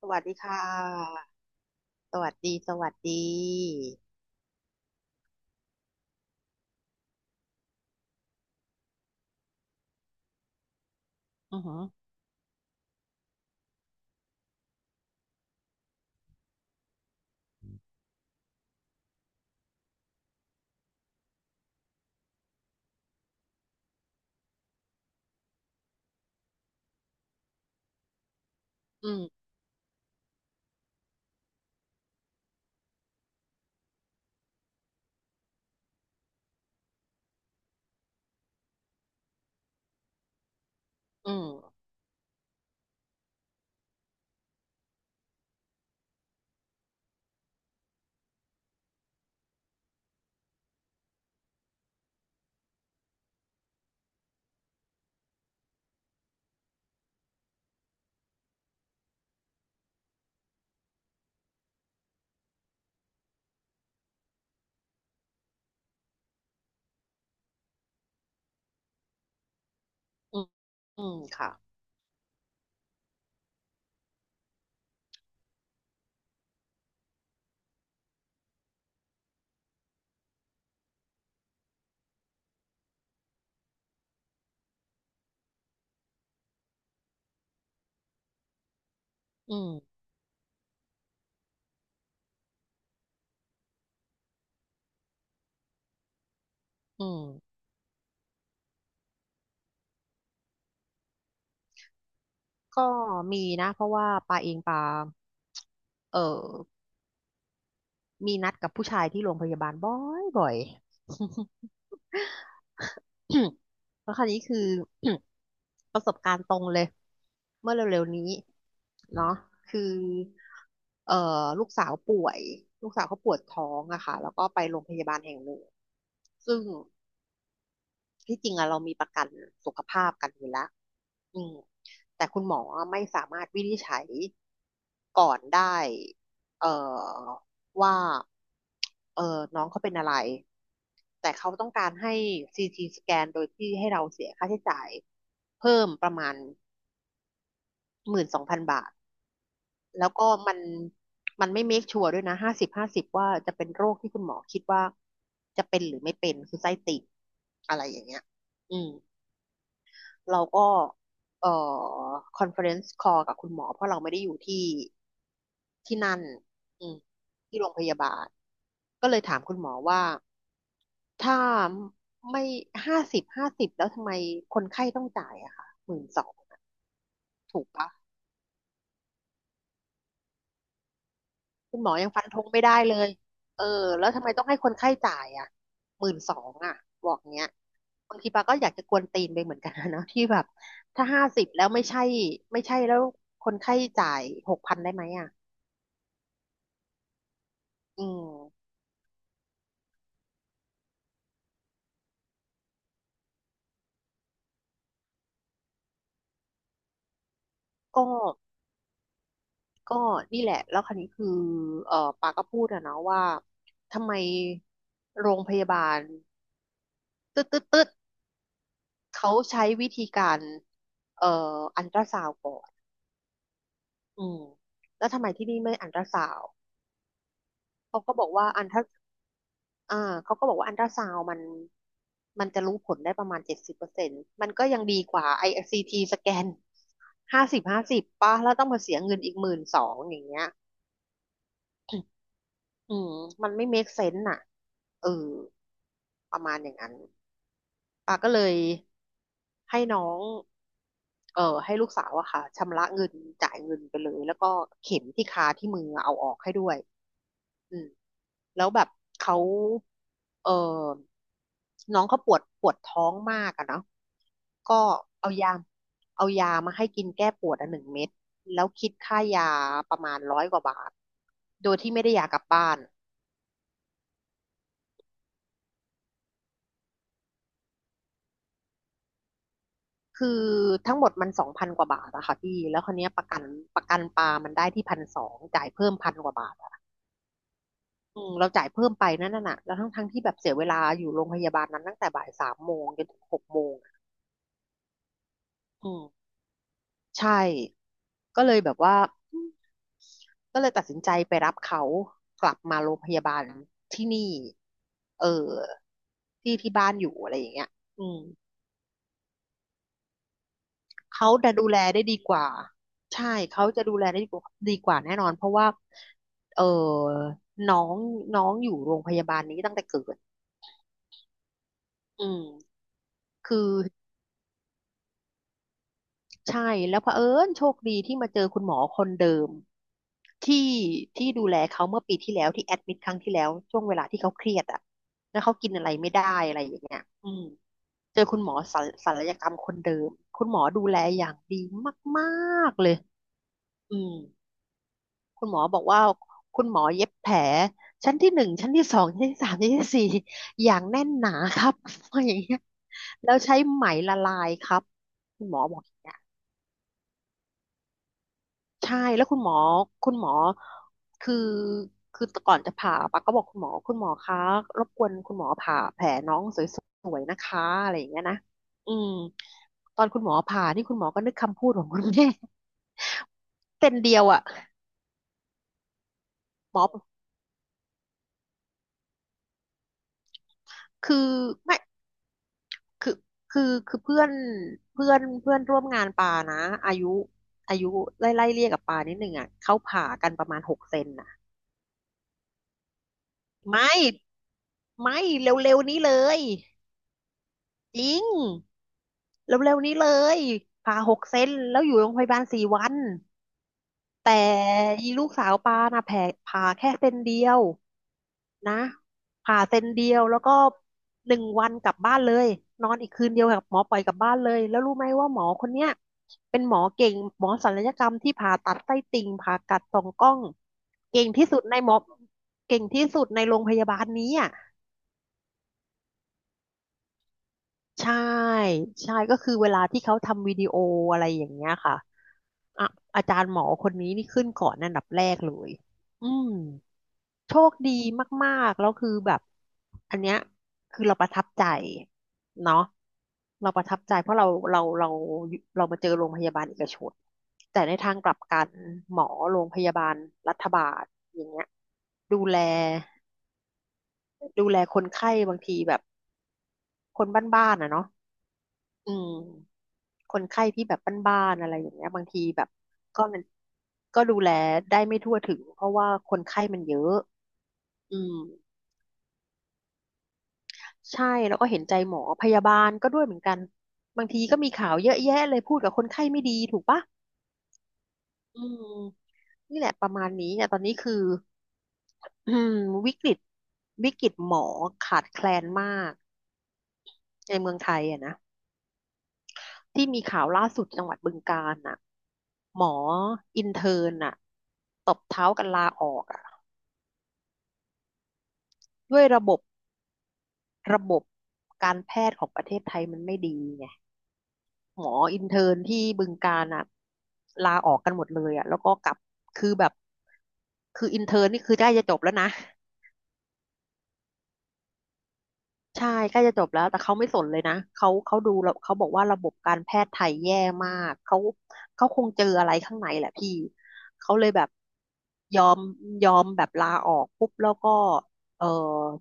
สวัสดีค่ะสวัสดีสวัสดีอืมอืมอืมอืมค่ะอืมอืมก็มีนะเพราะว่าปาเองปาเออมีนัดกับผู้ชายที่โรงพยาบาลบ่อยบ่อย แล้วคราวนี้คือ ประสบการณ์ตรงเลยเมื่อเร็วๆนี้เนาะคือเอ่อลูกสาวป่วยลูกสาวเขาปวดท้องอะค่ะแล้วก็ไปโรงพยาบาลแห่งหนึ่งซึ่ง ที่จริงอะเรามีประกันสุขภาพกันอยู่แล้วอืมแต่คุณหมอไม่สามารถวินิจฉัยก่อนได้เอ่อว่าเออน้องเขาเป็นอะไรแต่เขาต้องการให้ซีทีสแกนโดยที่ให้เราเสียค่าใช้จ่ายเพิ่มประมาณ12,000 บาทแล้วก็มันไม่เมคชัวร์ด้วยนะห้าสิบห้าสิบว่าจะเป็นโรคที่คุณหมอคิดว่าจะเป็นหรือไม่เป็นคือไส้ติ่งอะไรอย่างเงี้ยอืม เราก็เอ่อคอนเฟอเรนซ์คอลกับคุณหมอเพราะเราไม่ได้อยู่ที่ที่นั่นอืมที่โรงพยาบาลก็เลยถามคุณหมอว่า ถ้าไม่50-50แล้วทำไมคนไข้ต้องจ่ายอะค่ะหมื่นสองถูกปะ คุณหมอยังฟันธงไม่ได้เลยเออแล้วทำไมต้องให้คนไข้จ่ายอ่ะหมื่นสองอ่ะบอกเนี้ยบางทีปาก็อยากจะกวนตีนไปเหมือนกันนะ เนาะที่แบบถ้าห้าสิบแล้วไม่ใช่ไม่ใช่แล้วคนไข้จ่าย6,000ได้ไหมอ่ะอืมก็ก็นี่แหละแล้วคราวนี้คือปาก็พูดอะเนาะว่าทำไมโรงพยาบาลตึ๊ดตึ๊ดตึ๊ดเขาใช้วิธีการเอ่ออัลตราซาวด์ก่อนอืมแล้วทำไมที่นี่ไม่อัลตราซาวด์ เขาก็บอกว่าอันถ้าอ่าเขาก็บอกว่าอันตราซาวมันจะรู้ผลได้ประมาณ70%มันก็ยังดีกว่าไอซีทีสแกนห้าสิบห้าสิบป่ะแล้วต้องมาเสียเงินอีกหมื่นสองอย่างเงี้ยอืมมันไม่ make sense น่ะเออประมาณอย่างนั้นป้าก็เลยให้น้องให้ลูกสาวอะค่ะชำระเงินจ่ายเงินไปเลย แล้วก็เข็มที่คาที่มือเอาออกให้ด้วยอืม แล้วแบบเขาเออน้องเขาปวดปวดท้องมากอะเนาะก็เอายาเอายามาให้กินแก้ปวดอ่ะ1 เม็ดแล้วคิดค่ายาประมาณร้อยกว่าบาทโดยที่ไม่ได้ยากลับบ้านคือทั้งหมดมันสองพันกว่าบาทอะค่ะพี่แล้วคนนี้ยประกันประกันปลามันได้ที่1,200จ่ายเพิ่มพันกว่าบาทอะอืมเราจ่ายเพิ่มไปนั่นน่ะแล้วทั้งที่แบบเสียเวลาอยู่โรงพยาบาลนั้นตั้งแต่บ่าย 3 โมงจนถึง6 โมงอะอืม ใช่ก็เลยแบบว่าอืมก็เลยตัดสินใจไปรับเขากลับมาโรงพยาบาลที่นี่เออที่ที่บ้านอยู่อะไรอย่างเงี้ยอืมเขาจะดูแลได้ดีกว่า ใช่เขาจะดูแลได้ดีกว่าแน่นอนเพราะว่าเออน้องน้องอยู่โรงพยาบาลนี้ตั้งแต่เกิดอืมคือ ใช่แล้วเผอิญโชคดีที่มาเจอคุณหมอคนเดิมที่ที่ดูแลเขาเมื่อปีที่แล้วที่แอดมิดครั้งที่แล้วช่วงเวลาที่เขาเครียดอ่ะแล้วเขากินอะไรไม่ได้อะไรอย่างเงี้ยอืมเจอคุณหมอศัลยกรรมคนเดิมคุณหมอดูแลอย่างดีมากๆเลยอืมคุณหมอบอกว่าคุณหมอเย็บแผลชั้นที่หนึ่งชั้นที่สองชั้นที่สามชั้นที่สี่อย่างแน่นหนาครับ อย่างเงี้ยแล้วใช้ไหมละลายครับคุณหมอบอกอย่างเงี้ย ใช่แล้วคุณหมอคุณหมอคือก่อนจะผ่าปะก็บอกคุณหมอคุณหมอคะรบกวนคุณหมอผ่าแผลน้องสวยๆนะคะอะไรอย่างเงี้ยนะอืมตอนคุณหมอผ่านี่คุณหมอก็นึกคำพูดของคุณแม่เซนเดียวอ่ะหมอคือไม่คือคือคือเพื่อนเพื่อนเพื่อนร่วมงานปานะอายุอายุไล่เรียกกับปานิดหนึ่งอ่ะเขาผ่ากันประมาณหกเซนน่ะไม่ไม่เร็วๆนี้เลยจริง เร็วๆนี้เลยผ่า6 เซนแล้วอยู่โรงพยาบาล4 วันแต่อีลูกสาวปาน่ะแผลผ่าแค่เซนเดียวนะผ่าเซนเดียวแล้วก็1 วันกลับบ้านเลยนอนอีกคืนเดียวกับหมอปล่อยกลับบ้านเลยแล้วรู้ไหมว่าหมอคนเนี้ยเป็นหมอเก่งหมอศัลยกรรมที่ผ่าตัดไส้ติ่งผ่ากัดสองกล้องเก่งที่สุดในหมอเก่งที่สุดในโรงพยาบาลนี้อ่ะ ใช่ใช่ก็คือเวลาที่เขาทำวิดีโออะไรอย่างเงี้ยค่ะอะอาจารย์หมอคนนี้นี่ขึ้นก่อนอันดับแรกเลยอืมโชคดีมากๆแล้วคือแบบอันเนี้ยคือเราประทับใจเนาะเราประทับใจเพราะเราเราเรามาเจอโรงพยาบาลเอกชนแต่ในทางกลับกันหมอโรงพยาบาลรัฐบาลอย่างเงี้ยดูแลดูแลคนไข้บางทีแบบคนบ้านๆอ่ะเนาะอืม คนไข้ที่แบบบ้านๆอะไรอย่างเงี้ยบางทีแบบก็มันก็ดูแลได้ไม่ทั่วถึงเพราะว่าคนไข้มันเยอะอืมใช่แล้วก็เห็นใจหมอพยาบาลก็ด้วยเหมือนกันบางทีก็มีข่าวเยอะแยะเลยพูดกับคนไข้ไม่ดีถูกปะอืมนี่แหละประมาณนี้เนี่ยตอนนี้คืออืมวิกฤตวิกฤตหมอขาดแคลนมากในเมืองไทยอะนะที่มีข่าวล่าสุดจังหวัดบึงกาฬน่ะหมออินเทิร์นน่ะตบเท้ากันลาออกอะ ด้วยระบบระบบการแพทย์ของประเทศไทยมันไม่ดีไงหมออินเทิร์นที่บึงกาฬอ่ะลาออกกันหมดเลยอ่ะแล้วก็กลับคือแบบคืออินเทิร์นนี่คือใกล้จะจบแล้วนะใช่ใกล้จะจบแล้วแต่เขาไม่สนเลยนะเขาเขาดูแล้วเขาบอกว่าระบบการแพทย์ไทยแย่มากเขาเขาคงเจออะไรข้างในแหละพี่เขาเลยแบบยอมแบบลาออกปุ๊บแล้วก็เอ่อ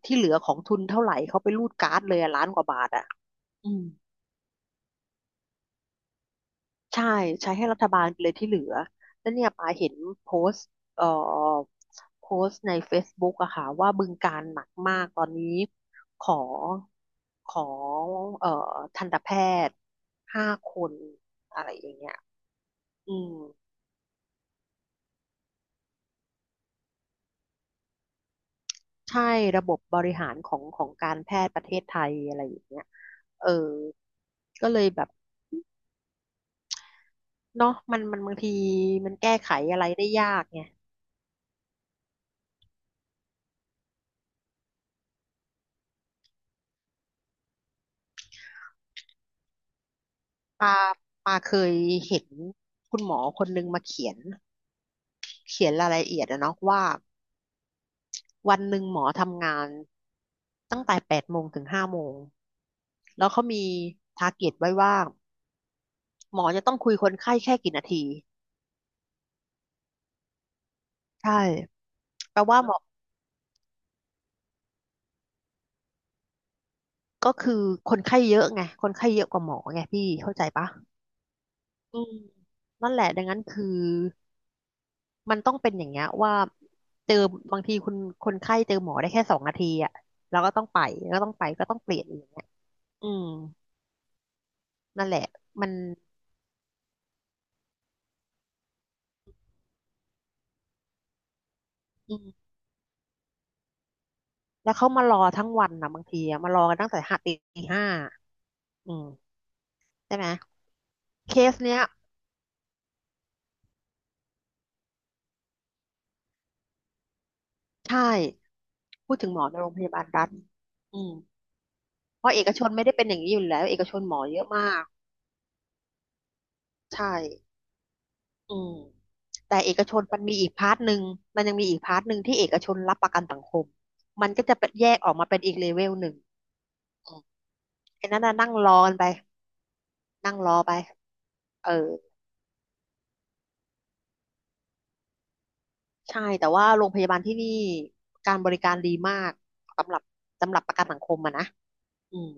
ที่เหลือของทุนเท่าไหร่เขาไปรูดการ์ดเลยอะล้านกว่าบาทอ่ะอืม ใช่ใช้ให้รัฐบาลไปเลยที่เหลือแล้วเนี่ยปาเห็นโพสต์เอ่อโพสต์ใน Facebook อะค่ะว่าบึงการหนักมากตอนนี้ขอขอเอ่อทันตแพทย์5 คนอะไรอย่างเงี้ยอืมใช่ระบบบริหารของการแพทย์ประเทศไทยอะไรอย่างเงี้ยเออก็เลยแบบเนาะมันบางทีมันแก้ไขอะไรได้ยากไง ปาปาเคยเห็นคุณหมอคนนึงมาเขียนรายละเอียดอะเนาะว่าวันหนึ่งหมอทำงานตั้งแต่8 โมงถึง5 โมงแล้วเขามีทาร์เก็ตไว้ว่าหมอจะต้องคุยคนไข้แค่กี่นาทีใช่แปลว่าหมอก็คือคนไข้เยอะไงคนไข้เยอะกว่าหมอไงพี่เข้าใจปะอืมนั่นแหละดังนั้นคือมันต้องเป็นอย่างเงี้ยว่าเจอบางทีคุณคนไข้เจอหมอได้แค่2 นาทีอ่ะแล้วก็ต้องไปแล้วก็ต้องไปก็ต้องเปลี่ยนอีก อืมนั่นแหละมันอืมแล้วเขามารอทั้งวันนะบางทีอะมารอกันตั้งแต่ห้าตี 5อืมใช่ไหมเคสเนี้ยใช่พูดถึงหมอในโรงพยาบาลรัฐอืมเพราะเอกชนไม่ได้เป็นอย่างนี้อยู่แล้วเอกชนหมอเยอะมากใช่อืมแต่เอกชนมันมีอีกพาร์ทหนึ่งมันยังมีอีกพาร์ทหนึ่งที่เอกชนรับประกันสังคมมันก็จะเป็นแยกออกมาเป็นอีกเลเวลหนึ่งอืมไอ้นั่นน่ะนั่งรอกันไปนั่งรอไปเออ ใช่แต่ว่าโรงพยาบาลที่นี่การบริการดีมากสำหรับประกันสังคมอะนะอืม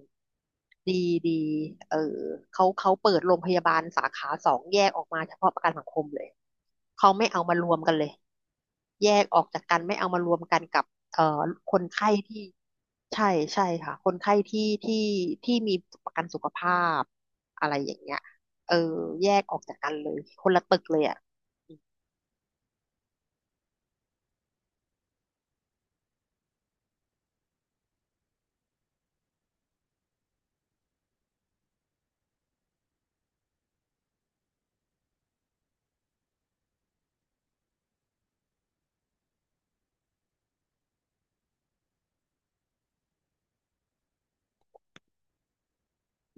ดีดีเออเขาเขาเปิดโรงพยาบาลสาขาสองแยกออกมาเฉพาะประกันสังคมเลยเขาไม่เอามารวมกันเลยแยกออกจากกันไม่เอามารวมกันกับเอ่อคนไข้ที่ใช่ใช่ค่ะคนไข้ที่ที่มีประกันสุขภาพอะไรอย่างเงี้ยเออแยกออกจากกันเลยคนละตึกเลยอ่ะ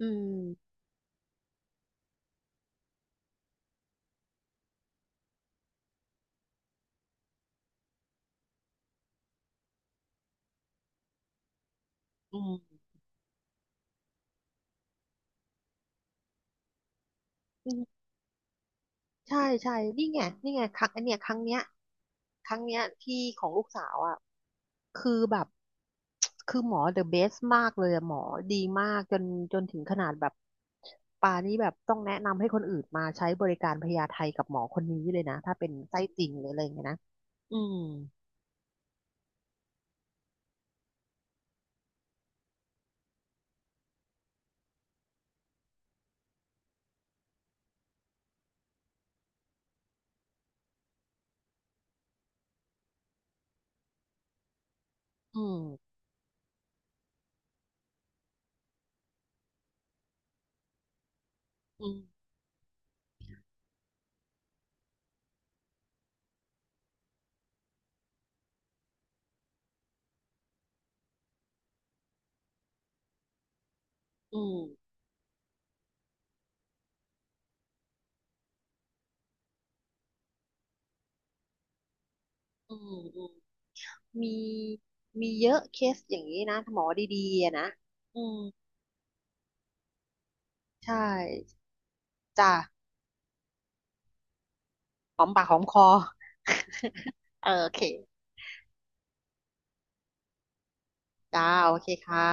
อืมอืม ใช่ใช่ นี่ไงนี่ไงครั้งอันเนี้ยครั้งเนี้ยที่ของลูกสาวอ่ะคือแบบคือหมอเดอะเบสมากเลยอะหมอดีมากจนจนถึงขนาดแบบป่านี้แบบต้องแนะนำให้คนอื่นมาใช้บริการพยาไทกับหมอคนนี้เลยนะถ้าเป็นไส้ติ่งหรืออะไรอย่างเงี้ยนะอืมอืมอืมอืมอืมอืมมีมีเยอะเคสอย่างนี้นะหมอดีๆอะนะอืมใช่จ้าหอมปากหอมคอ เออโอเค จ้าโอเคค่ะ